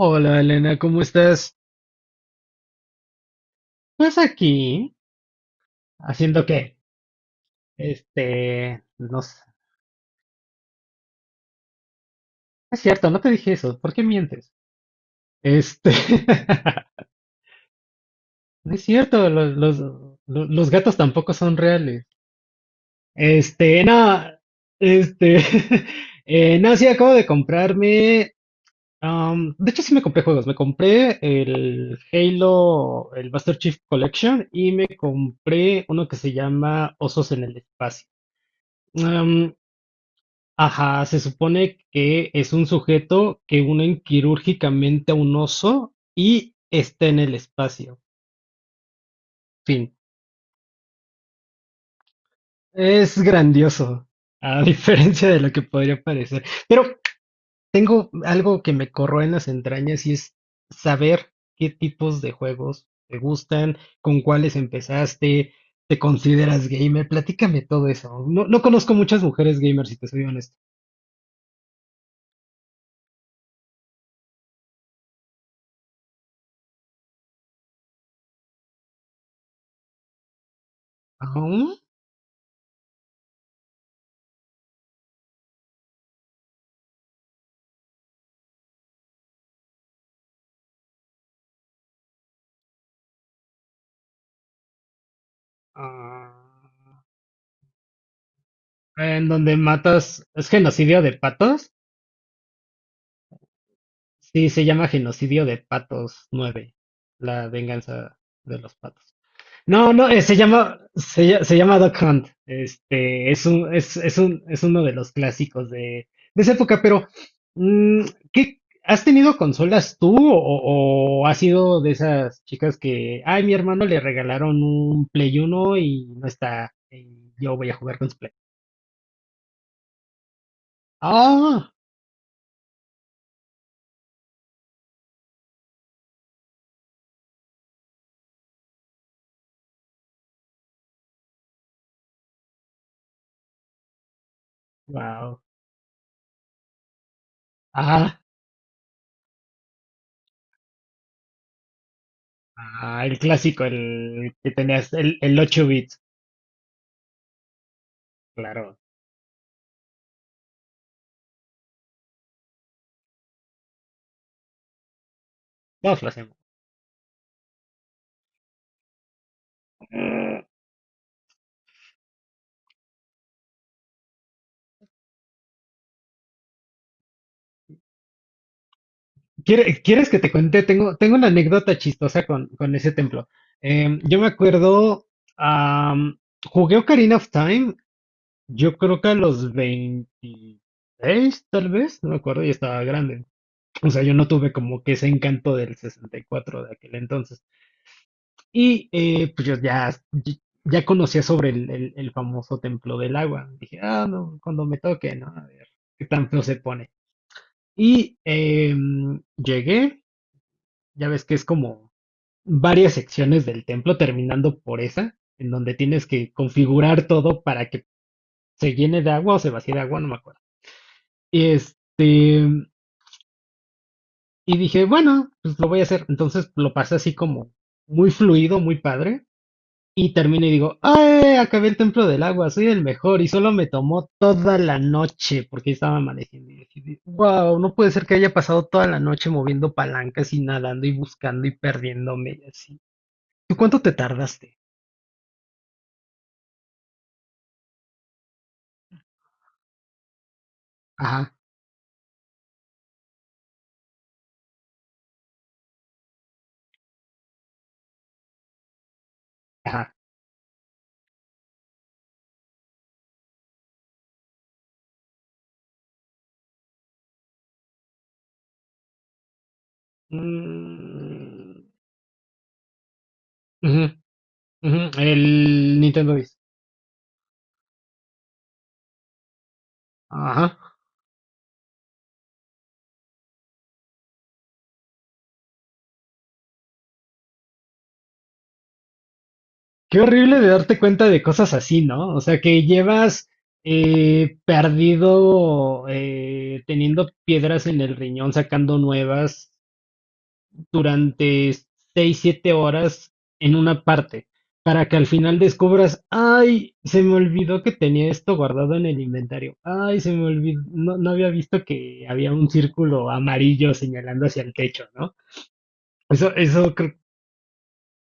Hola Elena, ¿cómo estás? Pues aquí, ¿haciendo qué? No sé. Es cierto, no te dije eso. ¿Por qué mientes? Este, no es cierto, los gatos tampoco son reales. No, este, no, sí, acabo de comprarme. De hecho, sí me compré juegos. Me compré el Halo, el Master Chief Collection y me compré uno que se llama Osos en el Espacio. Um, Ajá, se supone que es un sujeto que unen quirúrgicamente a un oso y está en el espacio. Fin. Es grandioso, a diferencia de lo que podría parecer. Pero tengo algo que me corroe en las entrañas y es saber qué tipos de juegos te gustan, con cuáles empezaste, te consideras gamer. Platícame todo eso. No, no conozco muchas mujeres gamers, si te soy honesto. Aún, ah. En donde matas, es genocidio de patos. Sí, se llama genocidio de patos 9, la venganza de los patos. No, no, se llama Duck Hunt. Es uno de los clásicos de esa época, pero, mm, ¿qué, has tenido consolas tú o has sido de esas chicas que, ay, mi hermano le regalaron un Play uno y no está, y yo voy a jugar con su Play? Ah, wow. Ah. Ah, el clásico, el que tenías, el 8 bits. Claro, todos lo hacemos. Eh, ¿Quieres que te cuente? Tengo una anécdota chistosa con ese templo. Yo me acuerdo, am, jugué Ocarina of Time, yo creo que a los 26 tal vez, no me acuerdo, y estaba grande. O sea, yo no tuve como que ese encanto del 64 de aquel entonces. Y pues yo ya, ya conocía sobre el famoso templo del agua. Dije, ah, no, cuando me toque, ¿no? A ver, qué tan feo se pone. Y llegué, ya ves que es como varias secciones del templo, terminando por esa, en donde tienes que configurar todo para que se llene de agua o se vacíe de agua, no me acuerdo. Y, este, y dije, bueno, pues lo voy a hacer. Entonces lo pasé así como muy fluido, muy padre. Y termino y digo, ¡ay! Acabé el templo del agua, soy el mejor. Y solo me tomó toda la noche, porque estaba amaneciendo. Y dije, wow, no puede ser que haya pasado toda la noche moviendo palancas y nadando y buscando y perdiéndome y así. ¿Tú cuánto te tardaste? Ajá, ajá. Mm, ujú, ujú, el Nintendo Dice. Ajá. Qué horrible de darte cuenta de cosas así, ¿no? O sea, que llevas perdido, teniendo piedras en el riñón, sacando nuevas durante 6, 7 horas en una parte, para que al final descubras, ay, se me olvidó que tenía esto guardado en el inventario, ay, se me olvidó, no, no había visto que había un círculo amarillo señalando hacia el techo, ¿no? Eso creo.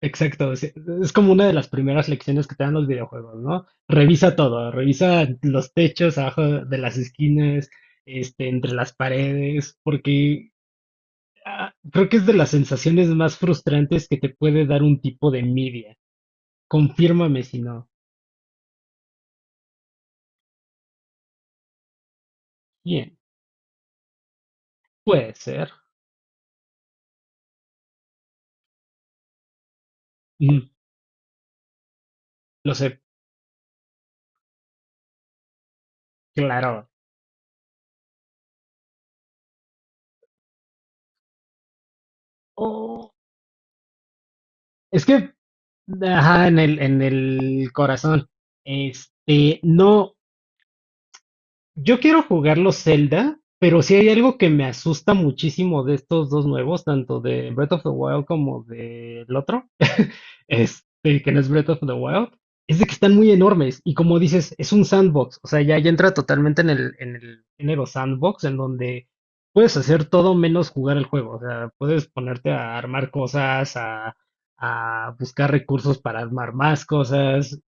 Exacto, sí, es como una de las primeras lecciones que te dan los videojuegos, ¿no? Revisa todo, revisa los techos abajo de las esquinas, entre las paredes, porque creo que es de las sensaciones más frustrantes que te puede dar un tipo de media. Confírmame si no. Bien, puede ser. Mm, lo sé, claro. Oh, es que, ajá, en el corazón. No. Yo quiero jugar los Zelda, pero si hay algo que me asusta muchísimo de estos dos nuevos, tanto de Breath of the Wild como del otro, que no es Breath of the Wild, es de que están muy enormes. Y como dices, es un sandbox. O sea, ya entra totalmente en el género sandbox, en donde puedes hacer todo menos jugar el juego. O sea, puedes ponerte a armar cosas, a buscar recursos para armar más cosas.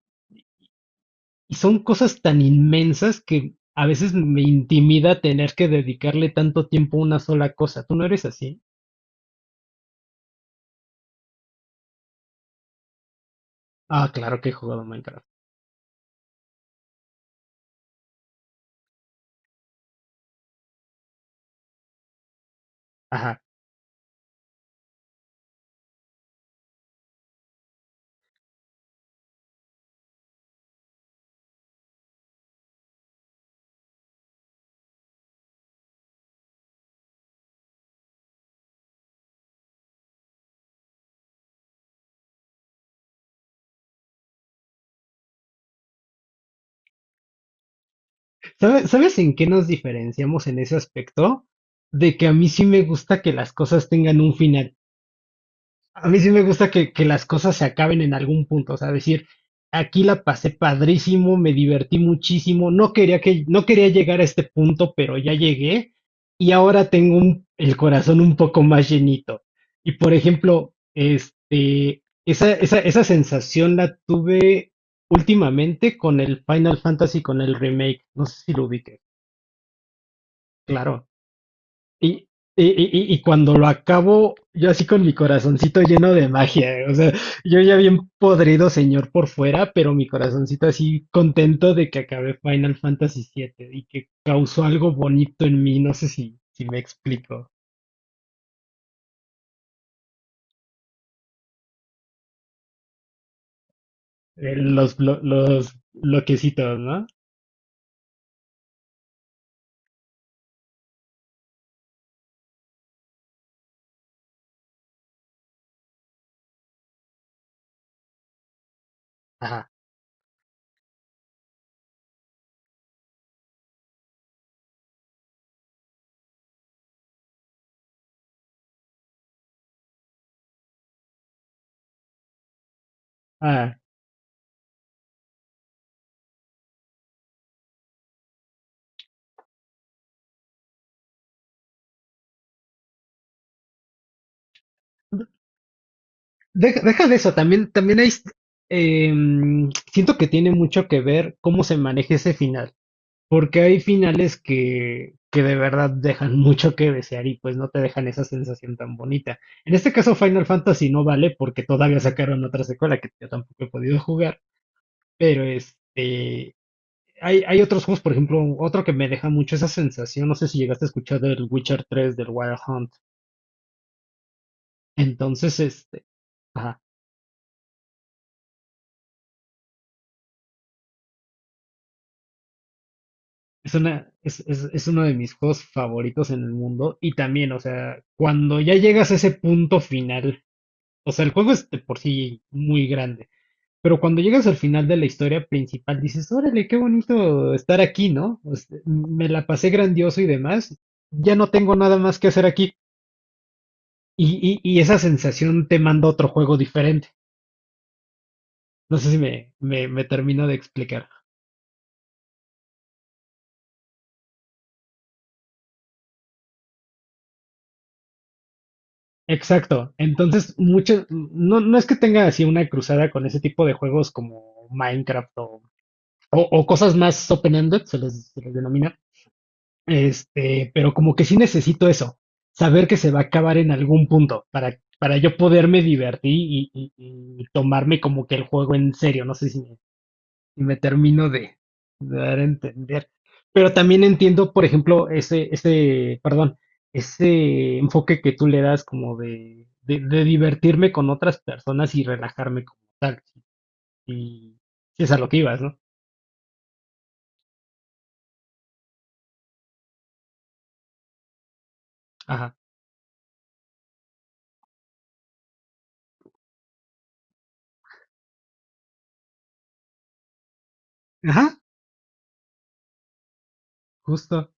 Y son cosas tan inmensas que a veces me intimida tener que dedicarle tanto tiempo a una sola cosa. ¿Tú no eres así? Ah, claro que he jugado Minecraft. Ajá. ¿Sabes en qué nos diferenciamos en ese aspecto? De que a mí sí me gusta que las cosas tengan un final. A mí sí me gusta que las cosas se acaben en algún punto, o sea, decir, aquí la pasé padrísimo, me divertí muchísimo, no quería llegar a este punto, pero ya llegué y ahora tengo el corazón un poco más llenito. Y por ejemplo, esa sensación la tuve últimamente con el Final Fantasy, con el remake, no sé si lo ubiqué, claro. Y, y cuando lo acabo, yo así con mi corazoncito lleno de magia, o sea, yo ya bien podrido señor por fuera, pero mi corazoncito así contento de que acabé Final Fantasy siete y que causó algo bonito en mí, no sé si me explico. Los bloquecitos, ¿no? Ajá. Ah, deja, deja de eso, también hay, siento que tiene mucho que ver cómo se maneja ese final. Porque hay finales que de verdad dejan mucho que desear y pues no te dejan esa sensación tan bonita. En este caso Final Fantasy no vale porque todavía sacaron otra secuela que yo tampoco he podido jugar, pero hay otros juegos, por ejemplo, otro que me deja mucho esa sensación, no sé si llegaste a escuchar del Witcher tres del Wild Hunt. Entonces, ajá, es una, es uno de mis juegos favoritos en el mundo y también, o sea, cuando ya llegas a ese punto final. O sea, el juego es de por sí muy grande. Pero cuando llegas al final de la historia principal, dices, órale, qué bonito estar aquí, ¿no? O sea, me la pasé grandioso y demás. Ya no tengo nada más que hacer aquí. Y esa sensación te manda a otro juego diferente. No sé si me termino de explicar. Exacto. Entonces, no, no es que tenga así una cruzada con ese tipo de juegos como Minecraft o, o cosas más open-ended, se les denomina. Pero como que sí necesito eso, saber que se va a acabar en algún punto para yo poderme divertir y, y tomarme como que el juego en serio. No sé si me termino de dar a entender. Pero también entiendo, por ejemplo, perdón, ese enfoque que tú le das como de divertirme con otras personas y relajarme como tal. Y si es a lo que ibas, ¿no? Ajá. Ajá, justo.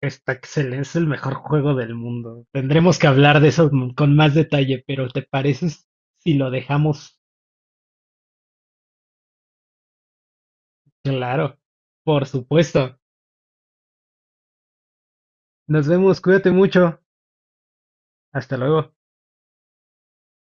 Está excelente, es el mejor juego del mundo. Tendremos que hablar de eso con más detalle, pero ¿te parece si lo dejamos claro? Por supuesto. Nos vemos, cuídate mucho. Hasta luego.